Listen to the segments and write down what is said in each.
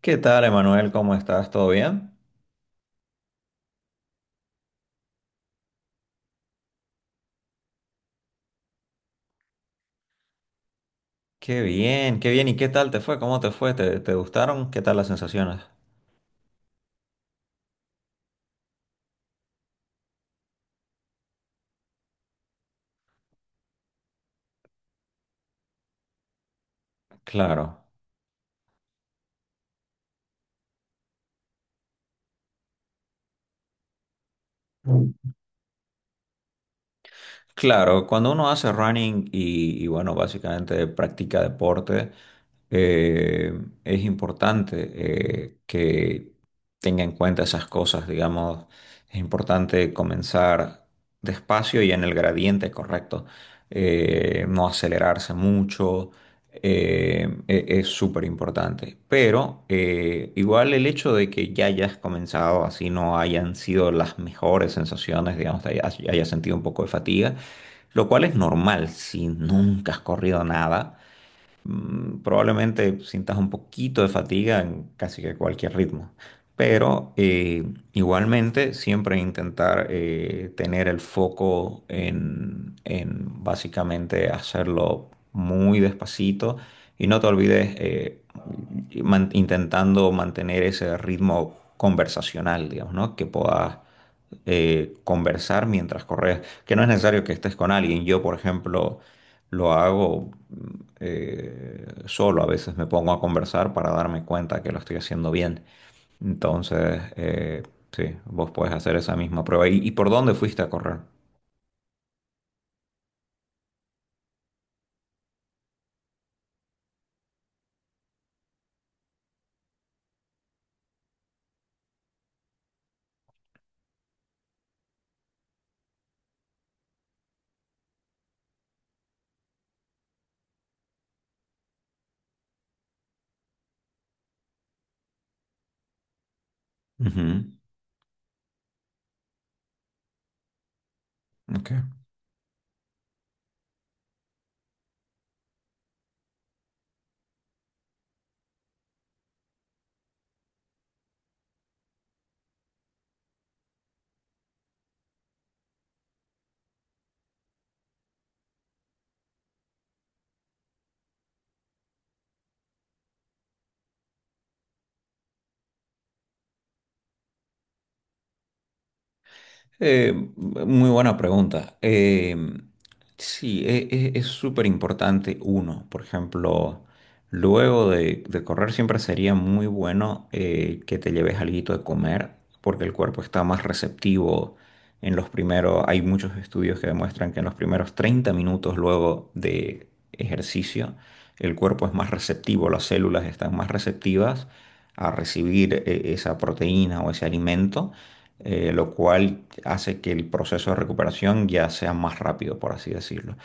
¿Qué tal, Emanuel? ¿Cómo estás? ¿Todo bien? Qué bien, qué bien. ¿Y qué tal te fue? ¿Cómo te fue? ¿Te gustaron? ¿Qué tal las sensaciones? Claro. Claro, cuando uno hace running bueno, básicamente practica deporte, eh, es importante que tenga en cuenta esas cosas, digamos, es importante comenzar despacio y en el gradiente correcto, no acelerarse mucho, es súper importante. Pero igual el hecho de que ya hayas comenzado, así no hayan sido las mejores sensaciones, digamos, hayas sentido un poco de fatiga, lo cual es normal si nunca has corrido nada. Probablemente sientas un poquito de fatiga en casi que cualquier ritmo, pero igualmente siempre intentar tener el foco en básicamente hacerlo muy despacito y no te olvides, intentando mantener ese ritmo conversacional, digamos, ¿no? Que puedas conversar mientras corres, que no es necesario que estés con alguien. Yo, por ejemplo, lo hago solo, a veces me pongo a conversar para darme cuenta que lo estoy haciendo bien. Entonces, sí, vos puedes hacer esa misma prueba. Y por dónde fuiste a correr? Ujú, ok. Muy buena pregunta. Sí, es súper importante uno. Por ejemplo, luego de correr siempre sería muy bueno que te lleves alguito de comer, porque el cuerpo está más receptivo en los primeros, hay muchos estudios que demuestran que en los primeros 30 minutos luego de ejercicio el cuerpo es más receptivo, las células están más receptivas a recibir, esa proteína o ese alimento, lo cual hace que el proceso de recuperación ya sea más rápido, por así decirlo.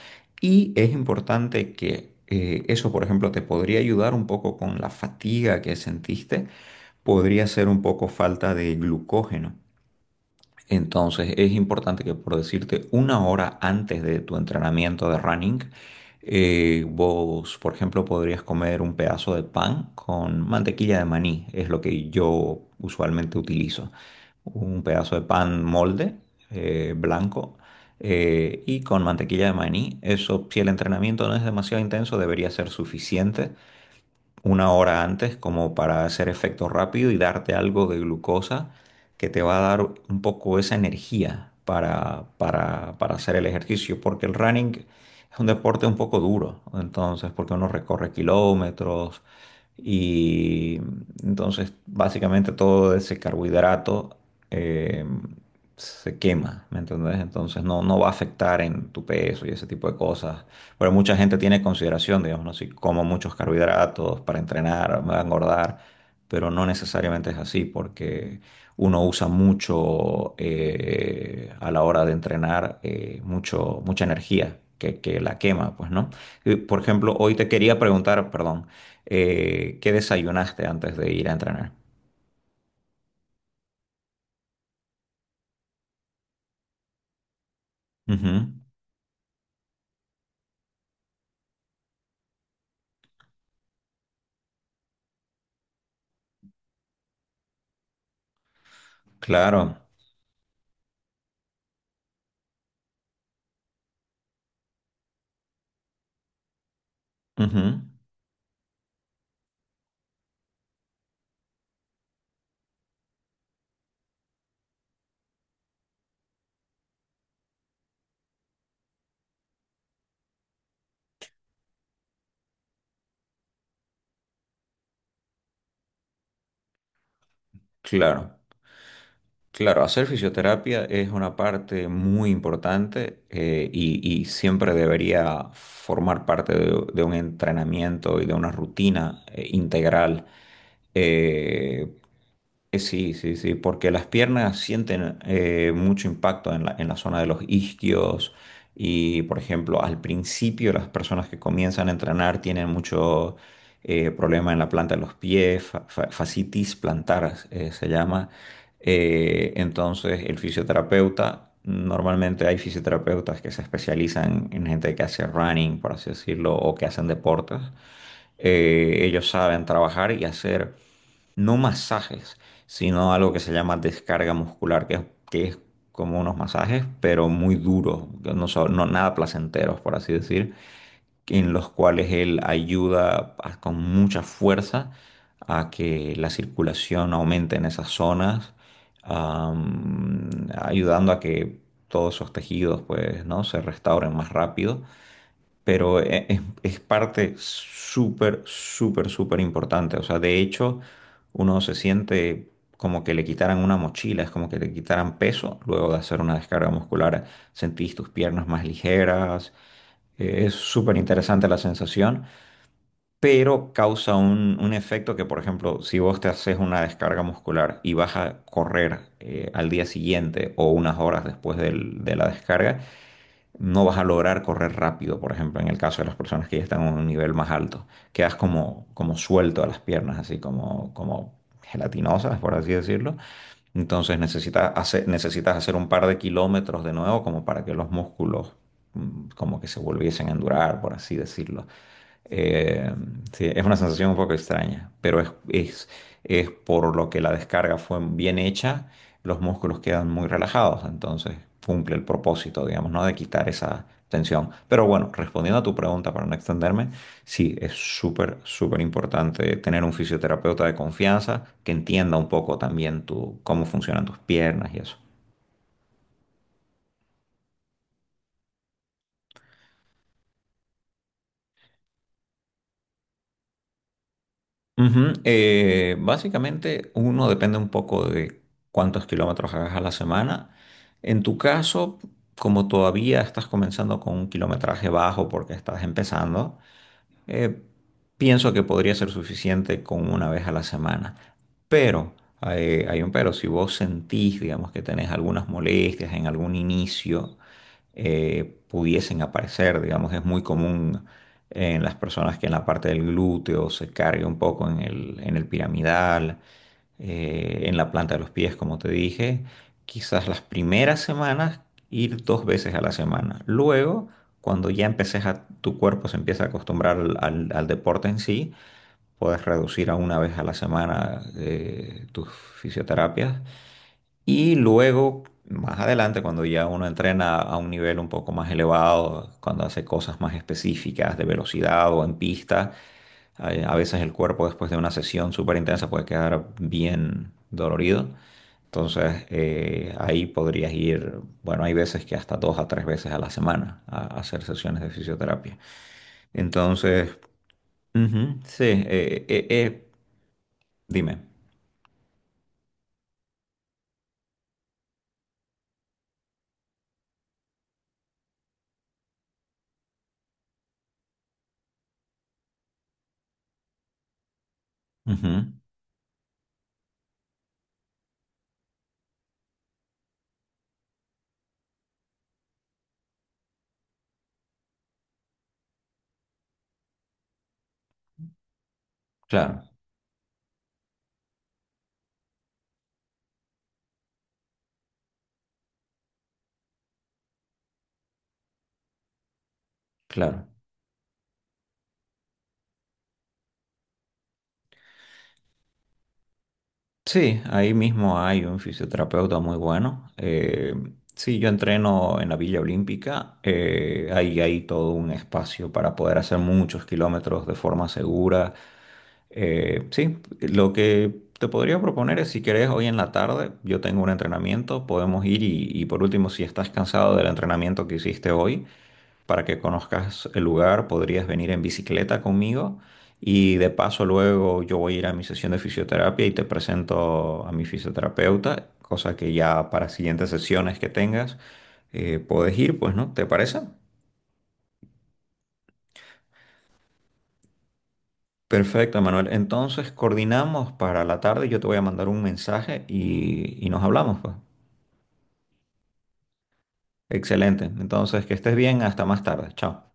Y es importante que, eso, por ejemplo, te podría ayudar un poco con la fatiga que sentiste, podría ser un poco falta de glucógeno. Entonces es importante que, por decirte, 1 hora antes de tu entrenamiento de running, vos, por ejemplo, podrías comer un pedazo de pan con mantequilla de maní, es lo que yo usualmente utilizo. Un pedazo de pan molde, blanco, y con mantequilla de maní. Eso, si el entrenamiento no es demasiado intenso, debería ser suficiente 1 hora antes como para hacer efecto rápido y darte algo de glucosa que te va a dar un poco esa energía para hacer el ejercicio, porque el running es un deporte un poco duro, entonces, porque uno recorre kilómetros y entonces básicamente todo ese carbohidrato eh, se quema, ¿me entendés? Entonces no, no va a afectar en tu peso y ese tipo de cosas, pero mucha gente tiene consideración, digamos, ¿no? Si como muchos carbohidratos para entrenar, me va a engordar, pero no necesariamente es así, porque uno usa mucho, a la hora de entrenar, mucha energía que la quema, pues, ¿no? Y, por ejemplo, hoy te quería preguntar, perdón, ¿qué desayunaste antes de ir a entrenar? Ujú, claro, ujú, claro. Claro, hacer fisioterapia es una parte muy importante, y siempre debería formar parte de un entrenamiento y de una rutina integral. Eh, Sí, sí, sí, porque las piernas sienten mucho impacto en la zona de los isquios, y, por ejemplo, al principio las personas que comienzan a entrenar tienen mucho, problema en la planta de los pies, fascitis plantar se llama, entonces, el fisioterapeuta, normalmente hay fisioterapeutas que se especializan en gente que hace running, por así decirlo, o que hacen deportes. Ellos saben trabajar y hacer, no masajes, sino algo que se llama descarga muscular, que es como unos masajes, pero muy duros, que no son nada placenteros, por así decir, en los cuales él ayuda a- con mucha fuerza a que la circulación aumente en esas zonas, ayudando a que todos esos tejidos, pues, ¿no?, se restauren más rápido. Pero es parte súper importante. O sea, de hecho, uno se siente como que le quitaran una mochila, es como que le quitaran peso luego de hacer una descarga muscular. Sentís tus piernas más ligeras, es súper interesante la sensación, pero causa un efecto que, por ejemplo, si vos te haces una descarga muscular y vas a correr, al día siguiente o unas horas después de la descarga, no vas a lograr correr rápido, por ejemplo, en el caso de las personas que ya están a un nivel más alto. Quedas como, como suelto a las piernas, así como, como gelatinosas, por así decirlo. Entonces necesitas hacer un par de kilómetros de nuevo como para que los músculos, como que se volviesen a endurar, por así decirlo. Eh, sí, es una sensación un poco extraña, pero es por lo que la descarga fue bien hecha, los músculos quedan muy relajados, entonces cumple el propósito, digamos, ¿no? De quitar esa tensión. Pero bueno, respondiendo a tu pregunta para no extenderme, sí, es súper importante tener un fisioterapeuta de confianza que entienda un poco también tu, cómo funcionan tus piernas y eso. Ujú, básicamente uno depende un poco de cuántos kilómetros hagas a la semana. En tu caso, como todavía estás comenzando con un kilometraje bajo porque estás empezando, eh, pienso que podría ser suficiente con 1 vez a la semana. Pero, hay un pero, si vos sentís, digamos, que tenés algunas molestias en algún inicio, pudiesen aparecer, digamos, es muy común en las personas que en la parte del glúteo se cargue un poco en el piramidal, en la planta de los pies, como te dije, quizás las primeras semanas ir 2 veces a la semana. Luego cuando ya empeces a, tu cuerpo se empieza a acostumbrar al deporte en sí, puedes reducir a 1 vez a la semana tus fisioterapias y luego, más adelante, cuando ya uno entrena a un nivel un poco más elevado, cuando hace cosas más específicas de velocidad o en pista, a veces el cuerpo después de una sesión súper intensa puede quedar bien dolorido. Entonces, ahí podrías ir, bueno, hay veces que hasta 2 a 3 veces a la semana a hacer sesiones de fisioterapia. Entonces, ujú, sí, dime. Ujú, claro, claro. Sí, ahí mismo hay un fisioterapeuta muy bueno. Sí, yo entreno en la Villa Olímpica. Ahí hay todo un espacio para poder hacer muchos kilómetros de forma segura. Sí, lo que te podría proponer es si querés hoy en la tarde, yo tengo un entrenamiento, podemos ir y por último, si estás cansado del entrenamiento que hiciste hoy, para que conozcas el lugar, podrías venir en bicicleta conmigo y de paso luego yo voy a ir a mi sesión de fisioterapia y te presento a mi fisioterapeuta, cosa que ya para siguientes sesiones que tengas puedes ir, pues, ¿no? ¿Te parece? Perfecto, Manuel. Entonces coordinamos para la tarde, yo te voy a mandar un mensaje y nos hablamos, pues. Excelente. Entonces, que estés bien, hasta más tarde. Chao.